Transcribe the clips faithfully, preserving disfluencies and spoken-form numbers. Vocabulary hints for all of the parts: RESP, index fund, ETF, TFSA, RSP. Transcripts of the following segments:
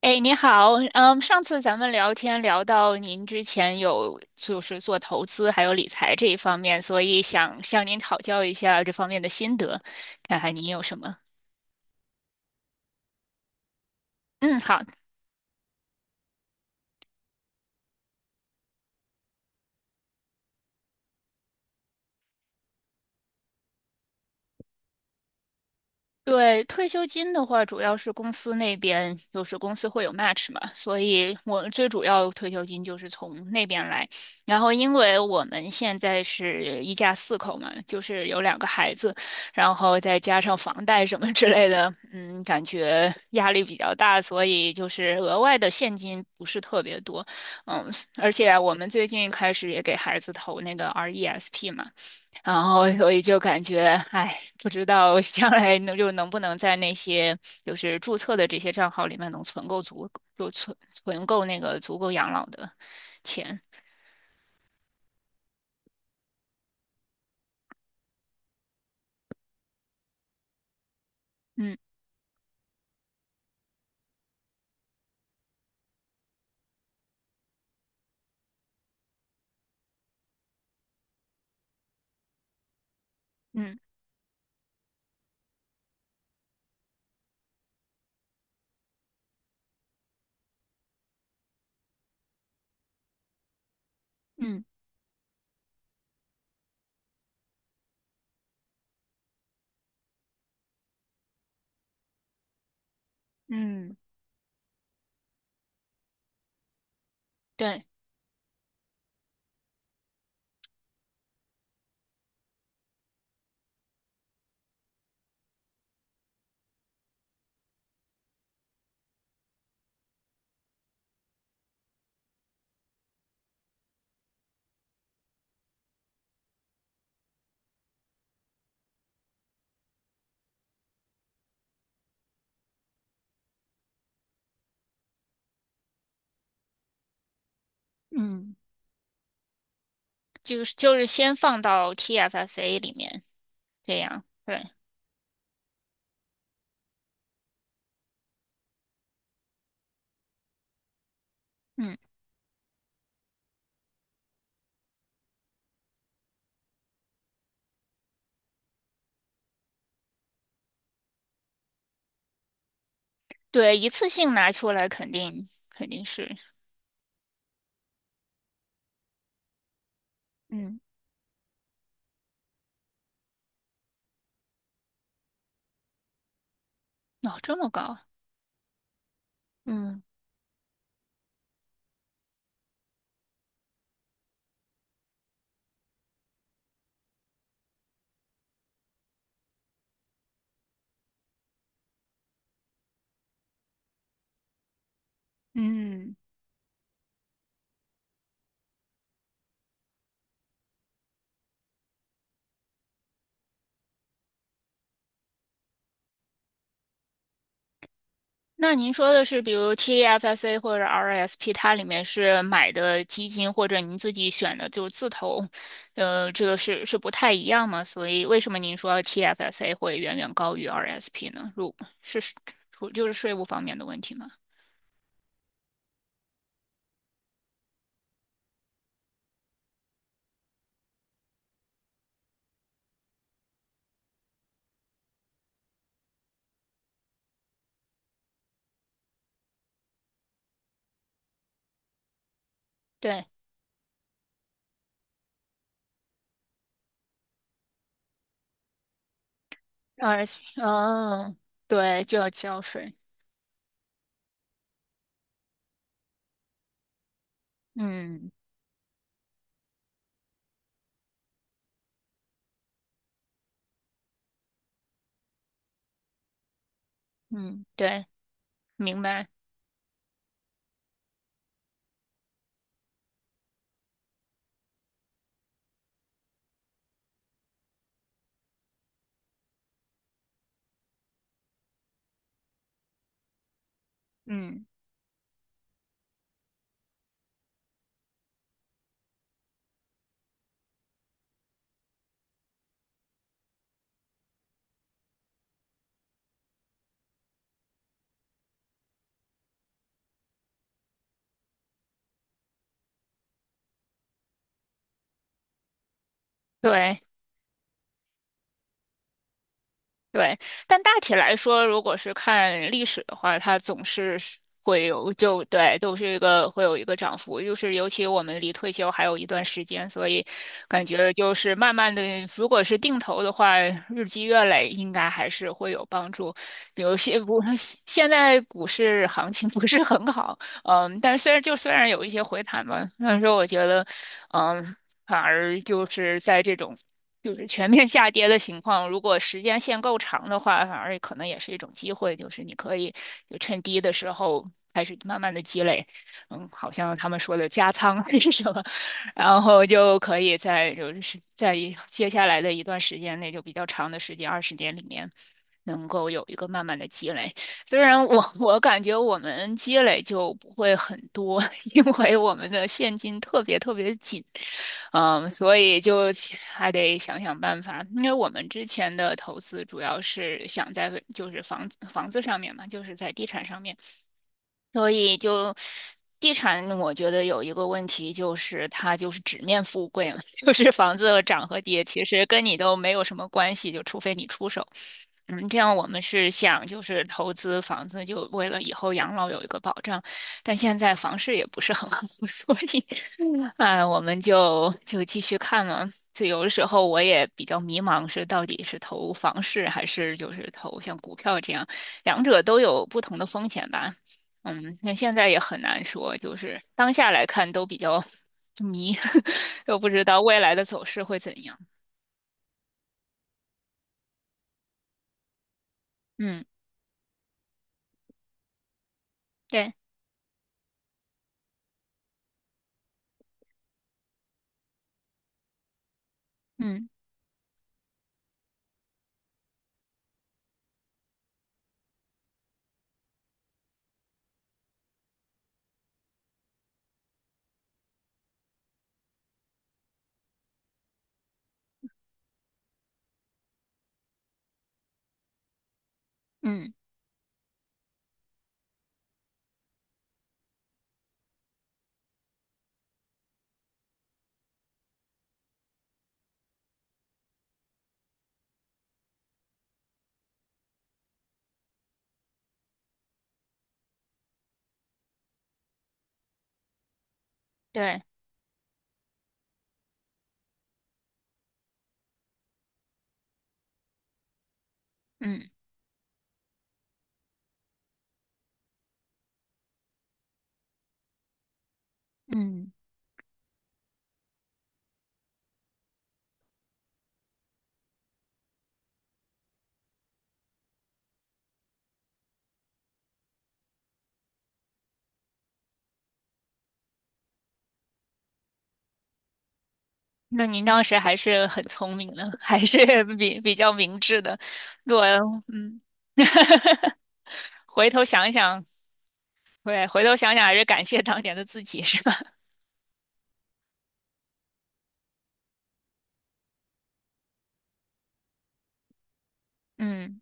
哎，你好，嗯，上次咱们聊天聊到您之前有就是做投资还有理财这一方面，所以想向您讨教一下这方面的心得，看看您有什么。嗯，好，对，退休金的话，主要是公司那边，就是公司会有 match 嘛，所以我最主要退休金就是从那边来。然后，因为我们现在是一家四口嘛，就是有两个孩子，然后再加上房贷什么之类的，嗯，感觉压力比较大，所以就是额外的现金不是特别多。嗯，而且我们最近开始也给孩子投那个 R E S P 嘛。然后所以就感觉，哎，不知道将来能就能不能在那些就是注册的这些账号里面能存够足，就存存够那个足够养老的钱。嗯嗯嗯嗯，对，嗯，就是就是先放到 T F S A 里面，这样对。嗯对，一次性拿出来肯定肯定是。嗯，哦，这么高啊。嗯嗯。那您说的是，比如 T F S A 或者 R S P，它里面是买的基金，或者您自己选的就是自投，呃，这个是是不太一样嘛？所以为什么您说 T F S A 会远远高于 R S P 呢？如是是就是税务方面的问题吗？对，R S P，嗯，对，就要交税。嗯嗯，对，明白。嗯，对。对，但大体来说，如果是看历史的话，它总是是会有就对，都是一个会有一个涨幅，就是尤其我们离退休还有一段时间，所以感觉就是慢慢的，如果是定投的话，日积月累应该还是会有帮助。比如现不现现在股市行情 不是很好。嗯，但是虽然就虽然有一些回弹吧，但是我觉得，嗯，反而就是在这种。就是全面下跌的情况，如果时间线够长的话，反而可能也是一种机会，就是你可以就趁低的时候开始慢慢的积累。嗯，好像他们说的加仓还是什么，然后就可以在就是在一接下来的一段时间内，就比较长的时间，二十年里面，能够有一个慢慢的积累。虽然我 我感觉我们积累就不会很多，因为我们的现金特别特别地紧。嗯，所以就还得想想办法。因为我们之前的投资主要是想在就是房房子上面嘛，就是在地产上面。所以就地产，我觉得有一个问题就是它就是纸面富贵嘛，就是房子涨和跌其实跟你都没有什么关系，就除非你出手。嗯，这样我们是想就是投资房子，就为了以后养老有一个保障，但现在房市也不是很好，所以哎，我们就就继续看嘛。就有的时候我也比较迷茫，是到底是投房市还是就是投像股票这样，两者都有不同的风险吧。嗯，那现在也很难说，就是当下来看都比较迷，都不知道未来的走势会怎样。嗯，对，嗯嗯，对，嗯嗯。那您当时还是很聪明的，还是比比较明智的。如果嗯。回头想想，对，回头想想还是感谢当年的自己，是吧？嗯，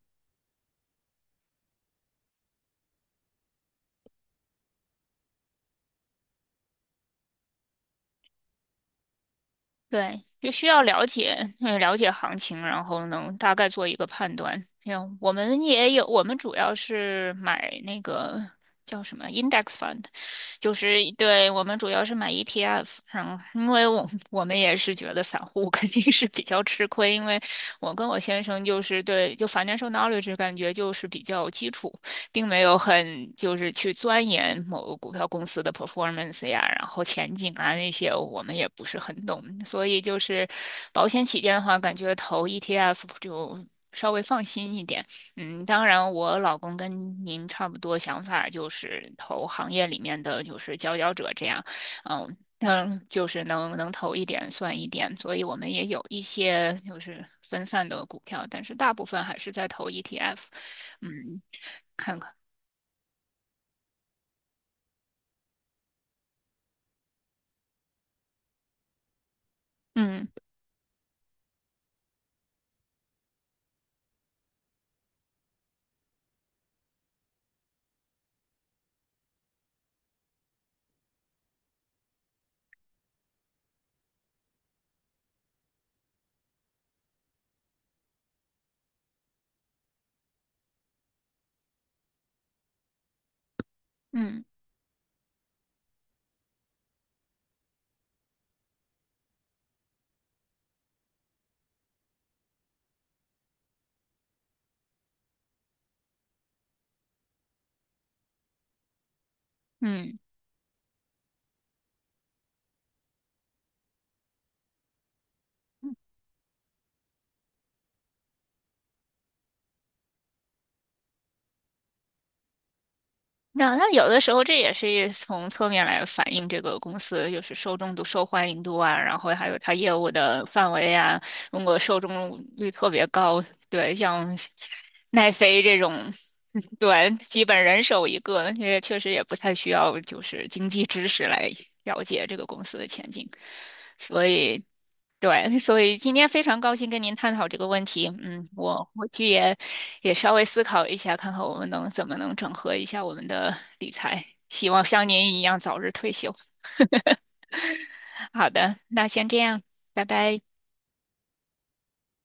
对，就需要了解，呃了解行情，然后能大概做一个判断。像我们也有，我们主要是买那个叫什么 index fund，就是对，我们主要是买 E T F。然后，因为我我们也是觉得散户肯定是比较吃亏，因为我跟我先生就是对，就 financial knowledge 感觉就是比较基础。并没有很就是去钻研某个股票公司的 performance 呀，然后前景啊那些，我们也不是很懂。所以就是保险起见的话，感觉投 E T F 就稍微放心一点。嗯，当然，我老公跟您差不多想法，就是投行业里面的就是佼佼者这样。嗯。嗯，就是能能投一点算一点，所以我们也有一些就是分散的股票，但是大部分还是在投 E T F。嗯，看看。嗯嗯嗯，那那有的时候这也是一从侧面来反映这个公司就是受众度、受欢迎度啊，然后还有它业务的范围啊。如果受众率特别高，对，像奈飞这种，对，基本人手一个，也确实也不太需要就是经济知识来了解这个公司的前景。所以，对，所以今天非常高兴跟您探讨这个问题。嗯，我回去也也稍微思考一下，看看我们能怎么能整合一下我们的理财。希望像您一样早日退休。好的，那先这样，拜拜。